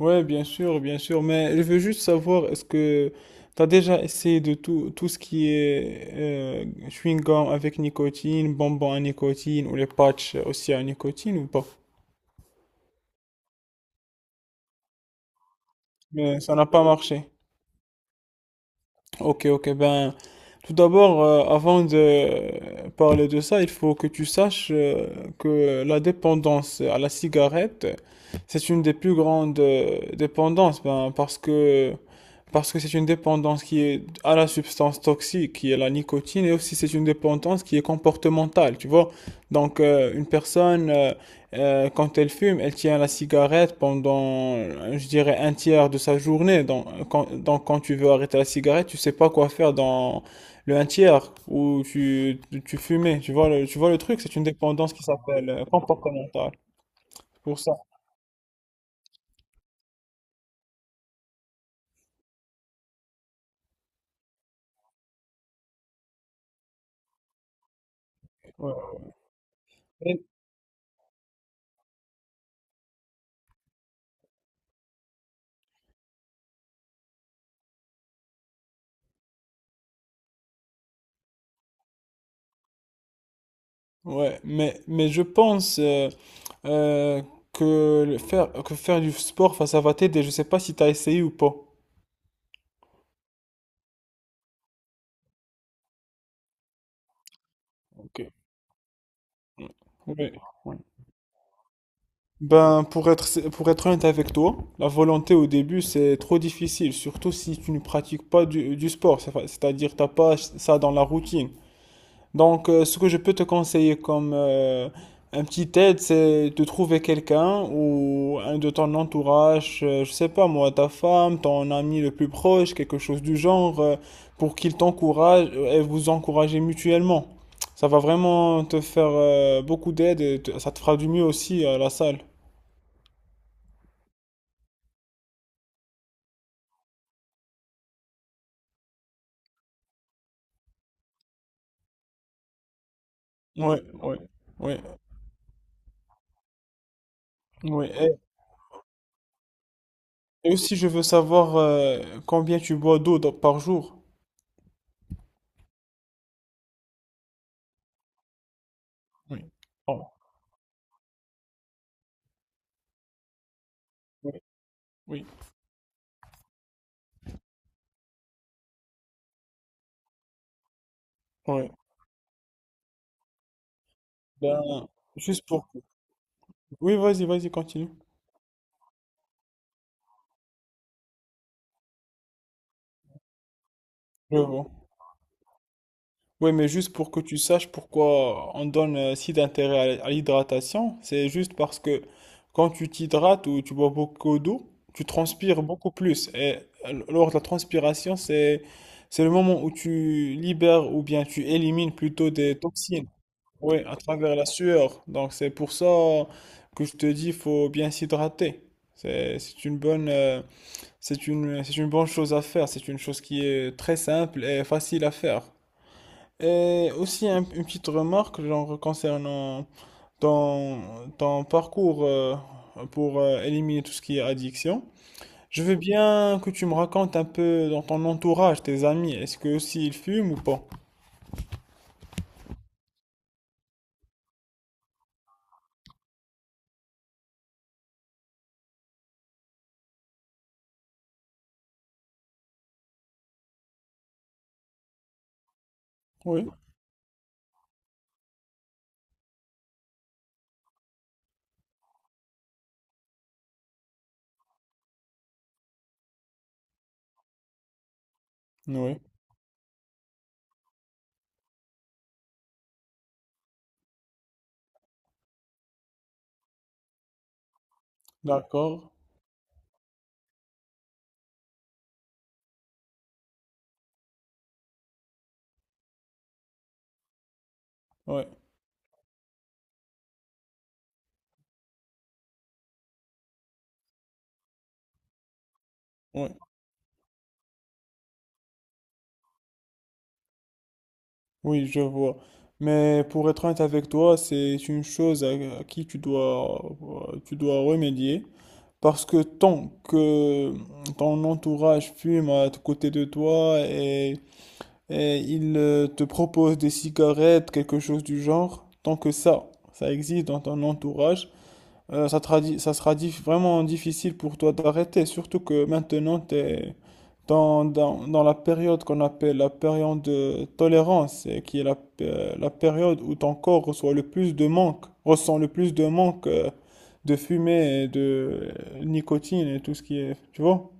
Ouais, bien sûr, mais je veux juste savoir, est-ce que tu as déjà essayé de tout ce qui est chewing-gum avec nicotine, bonbons à nicotine ou les patchs aussi à nicotine ou pas? Mais ça n'a pas marché. Ok, ok, ben, tout d'abord, avant de parler de ça, il faut que tu saches que la dépendance à la cigarette, c'est une des plus grandes dépendances, ben, parce que c'est une dépendance qui est à la substance toxique, qui est la nicotine, et aussi c'est une dépendance qui est comportementale, tu vois. Donc une personne, quand elle fume, elle tient la cigarette pendant, je dirais, un tiers de sa journée. Donc quand tu veux arrêter la cigarette, tu sais pas quoi faire dans le un tiers où tu fumais. Tu vois le truc, c'est une dépendance qui s'appelle comportementale. Pour ça. Ouais. Ouais, mais je pense euh, que faire du sport, enfin, ça va t'aider. Je sais pas si t'as essayé ou pas. Ok. Ouais. Ouais. Ben, pour être honnête avec toi, la volonté au début, c'est trop difficile, surtout si tu ne pratiques pas du sport, c'est-à-dire t'as pas ça dans la routine. Donc, ce que je peux te conseiller comme un petit aide, c'est de trouver quelqu'un ou un de ton entourage, je sais pas moi, ta femme, ton ami le plus proche, quelque chose du genre, pour qu'il t'encourage et vous encouragez mutuellement. Ça va vraiment te faire beaucoup d'aide et ça te fera du mieux aussi à la salle. Ouais, ouais, ouais, ouais. Et aussi, je veux savoir combien tu bois d'eau par jour. Oui. Oh, oui, oui. Ouais. Ben, juste pour. Oui, vas-y, vas-y, continue. Je vois. Oui, mais juste pour que tu saches pourquoi on donne si d'intérêt à l'hydratation, c'est juste parce que quand tu t'hydrates ou tu bois beaucoup d'eau, tu transpires beaucoup plus. Et lors de la transpiration, c'est le moment où tu libères ou bien tu élimines plutôt des toxines. Oui, à travers la sueur. Donc c'est pour ça que je te dis, faut bien s'hydrater. C'est c'est une bonne euh, c'est une bonne chose à faire, c'est une chose qui est très simple et facile à faire. Et aussi une petite remarque genre, concernant ton parcours pour éliminer tout ce qui est addiction. Je veux bien que tu me racontes un peu dans ton entourage, tes amis, est-ce que aussi ils fument ou pas? Oui, oui, d'accord, oui, oui, oui, je vois. Mais pour être honnête avec toi, c'est une chose à, qui tu dois remédier. Parce que tant que ton entourage fume à côté de toi et il te propose des cigarettes, quelque chose du genre, tant que ça existe dans ton entourage, ça sera vraiment difficile pour toi d'arrêter, surtout que maintenant tu es dans la période qu'on appelle la période de tolérance, et qui est la période où ton corps reçoit le plus de manque, ressent le plus de manque de fumée et de nicotine et tout ce qui est, tu vois?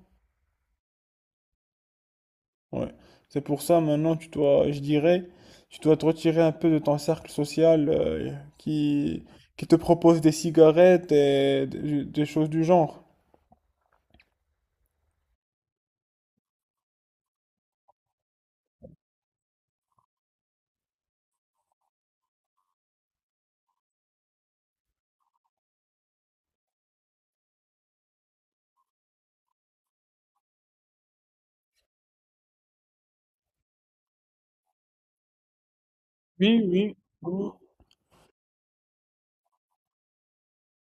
Ouais. C'est pour ça maintenant tu dois, je dirais, tu dois te retirer un peu de ton cercle social qui, qui te propose des cigarettes et des choses du genre. Oui, oui, oui.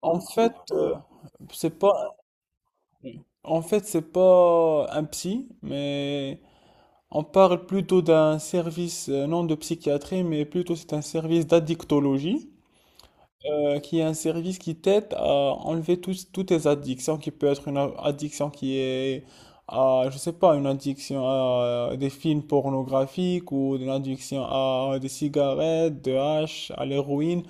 En fait, c'est pas, en fait, c'est pas un psy, mais on parle plutôt d'un service, non de psychiatrie, mais plutôt c'est un service d'addictologie, qui est un service qui t'aide à enlever toutes tes addictions, qui peut être une addiction qui est à, je sais pas, une addiction à des films pornographiques ou une addiction à des cigarettes, de hash, à l'héroïne.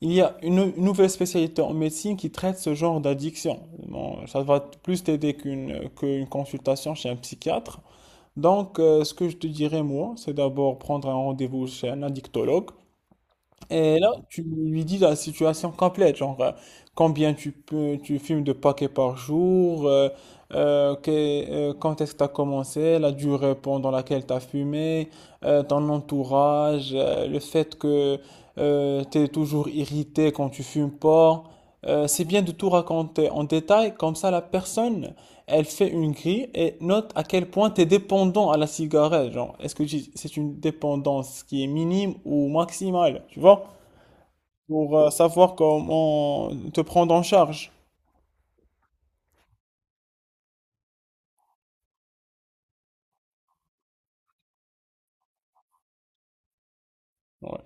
Il y a une nouvelle spécialité en médecine qui traite ce genre d'addiction. Bon, ça va plus t'aider qu'une consultation chez un psychiatre. Donc, ce que je te dirais, moi, c'est d'abord prendre un rendez-vous chez un addictologue et là, tu lui dis la situation complète, genre combien tu fumes de paquets par jour, quand est-ce que tu as commencé, la durée pendant laquelle tu as fumé, ton entourage, le fait que tu es toujours irrité quand tu fumes pas. C'est bien de tout raconter en détail, comme ça la personne, elle fait une grille et note à quel point tu es dépendant à la cigarette. Genre, est-ce que c'est une dépendance qui est minime ou maximale, tu vois? Pour savoir comment te prendre en charge. Ouais.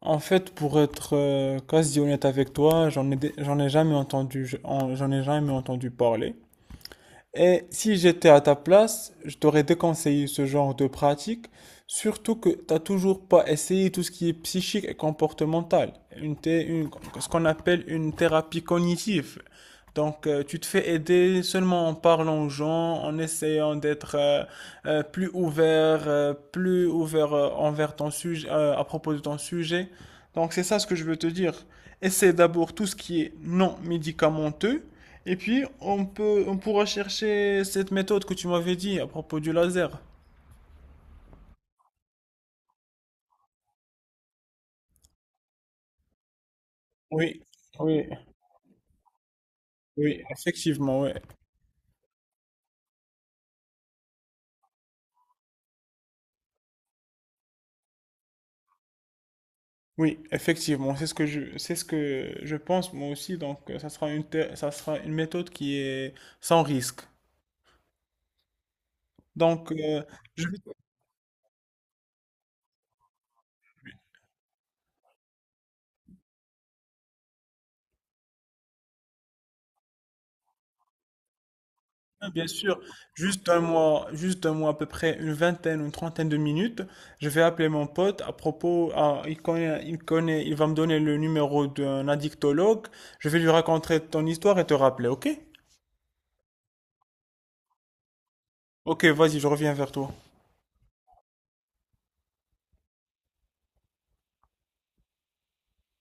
En fait, pour être quasi honnête avec toi, j'en ai jamais entendu parler. Et si j'étais à ta place, je t'aurais déconseillé ce genre de pratique, surtout que t'as toujours pas essayé tout ce qui est psychique et comportemental, ce qu'on appelle une thérapie cognitive. Donc, tu te fais aider seulement en parlant aux gens, en essayant d'être plus ouvert envers ton sujet, à propos de ton sujet. Donc, c'est ça ce que je veux te dire. Essaie d'abord tout ce qui est non médicamenteux et puis, on pourra chercher cette méthode que tu m'avais dit à propos du laser. Oui, oui, oui, effectivement, ouais. Oui, effectivement, c'est ce que je pense moi aussi. Donc, ça sera une méthode qui est sans risque. Donc, je vais. Ah, bien sûr, juste un mois à peu près, une vingtaine, une trentaine de minutes, je vais appeler mon pote à propos, ah, il connaît, il connaît, il va me donner le numéro d'un addictologue, je vais lui raconter ton histoire et te rappeler, ok? Ok, vas-y, je reviens vers toi.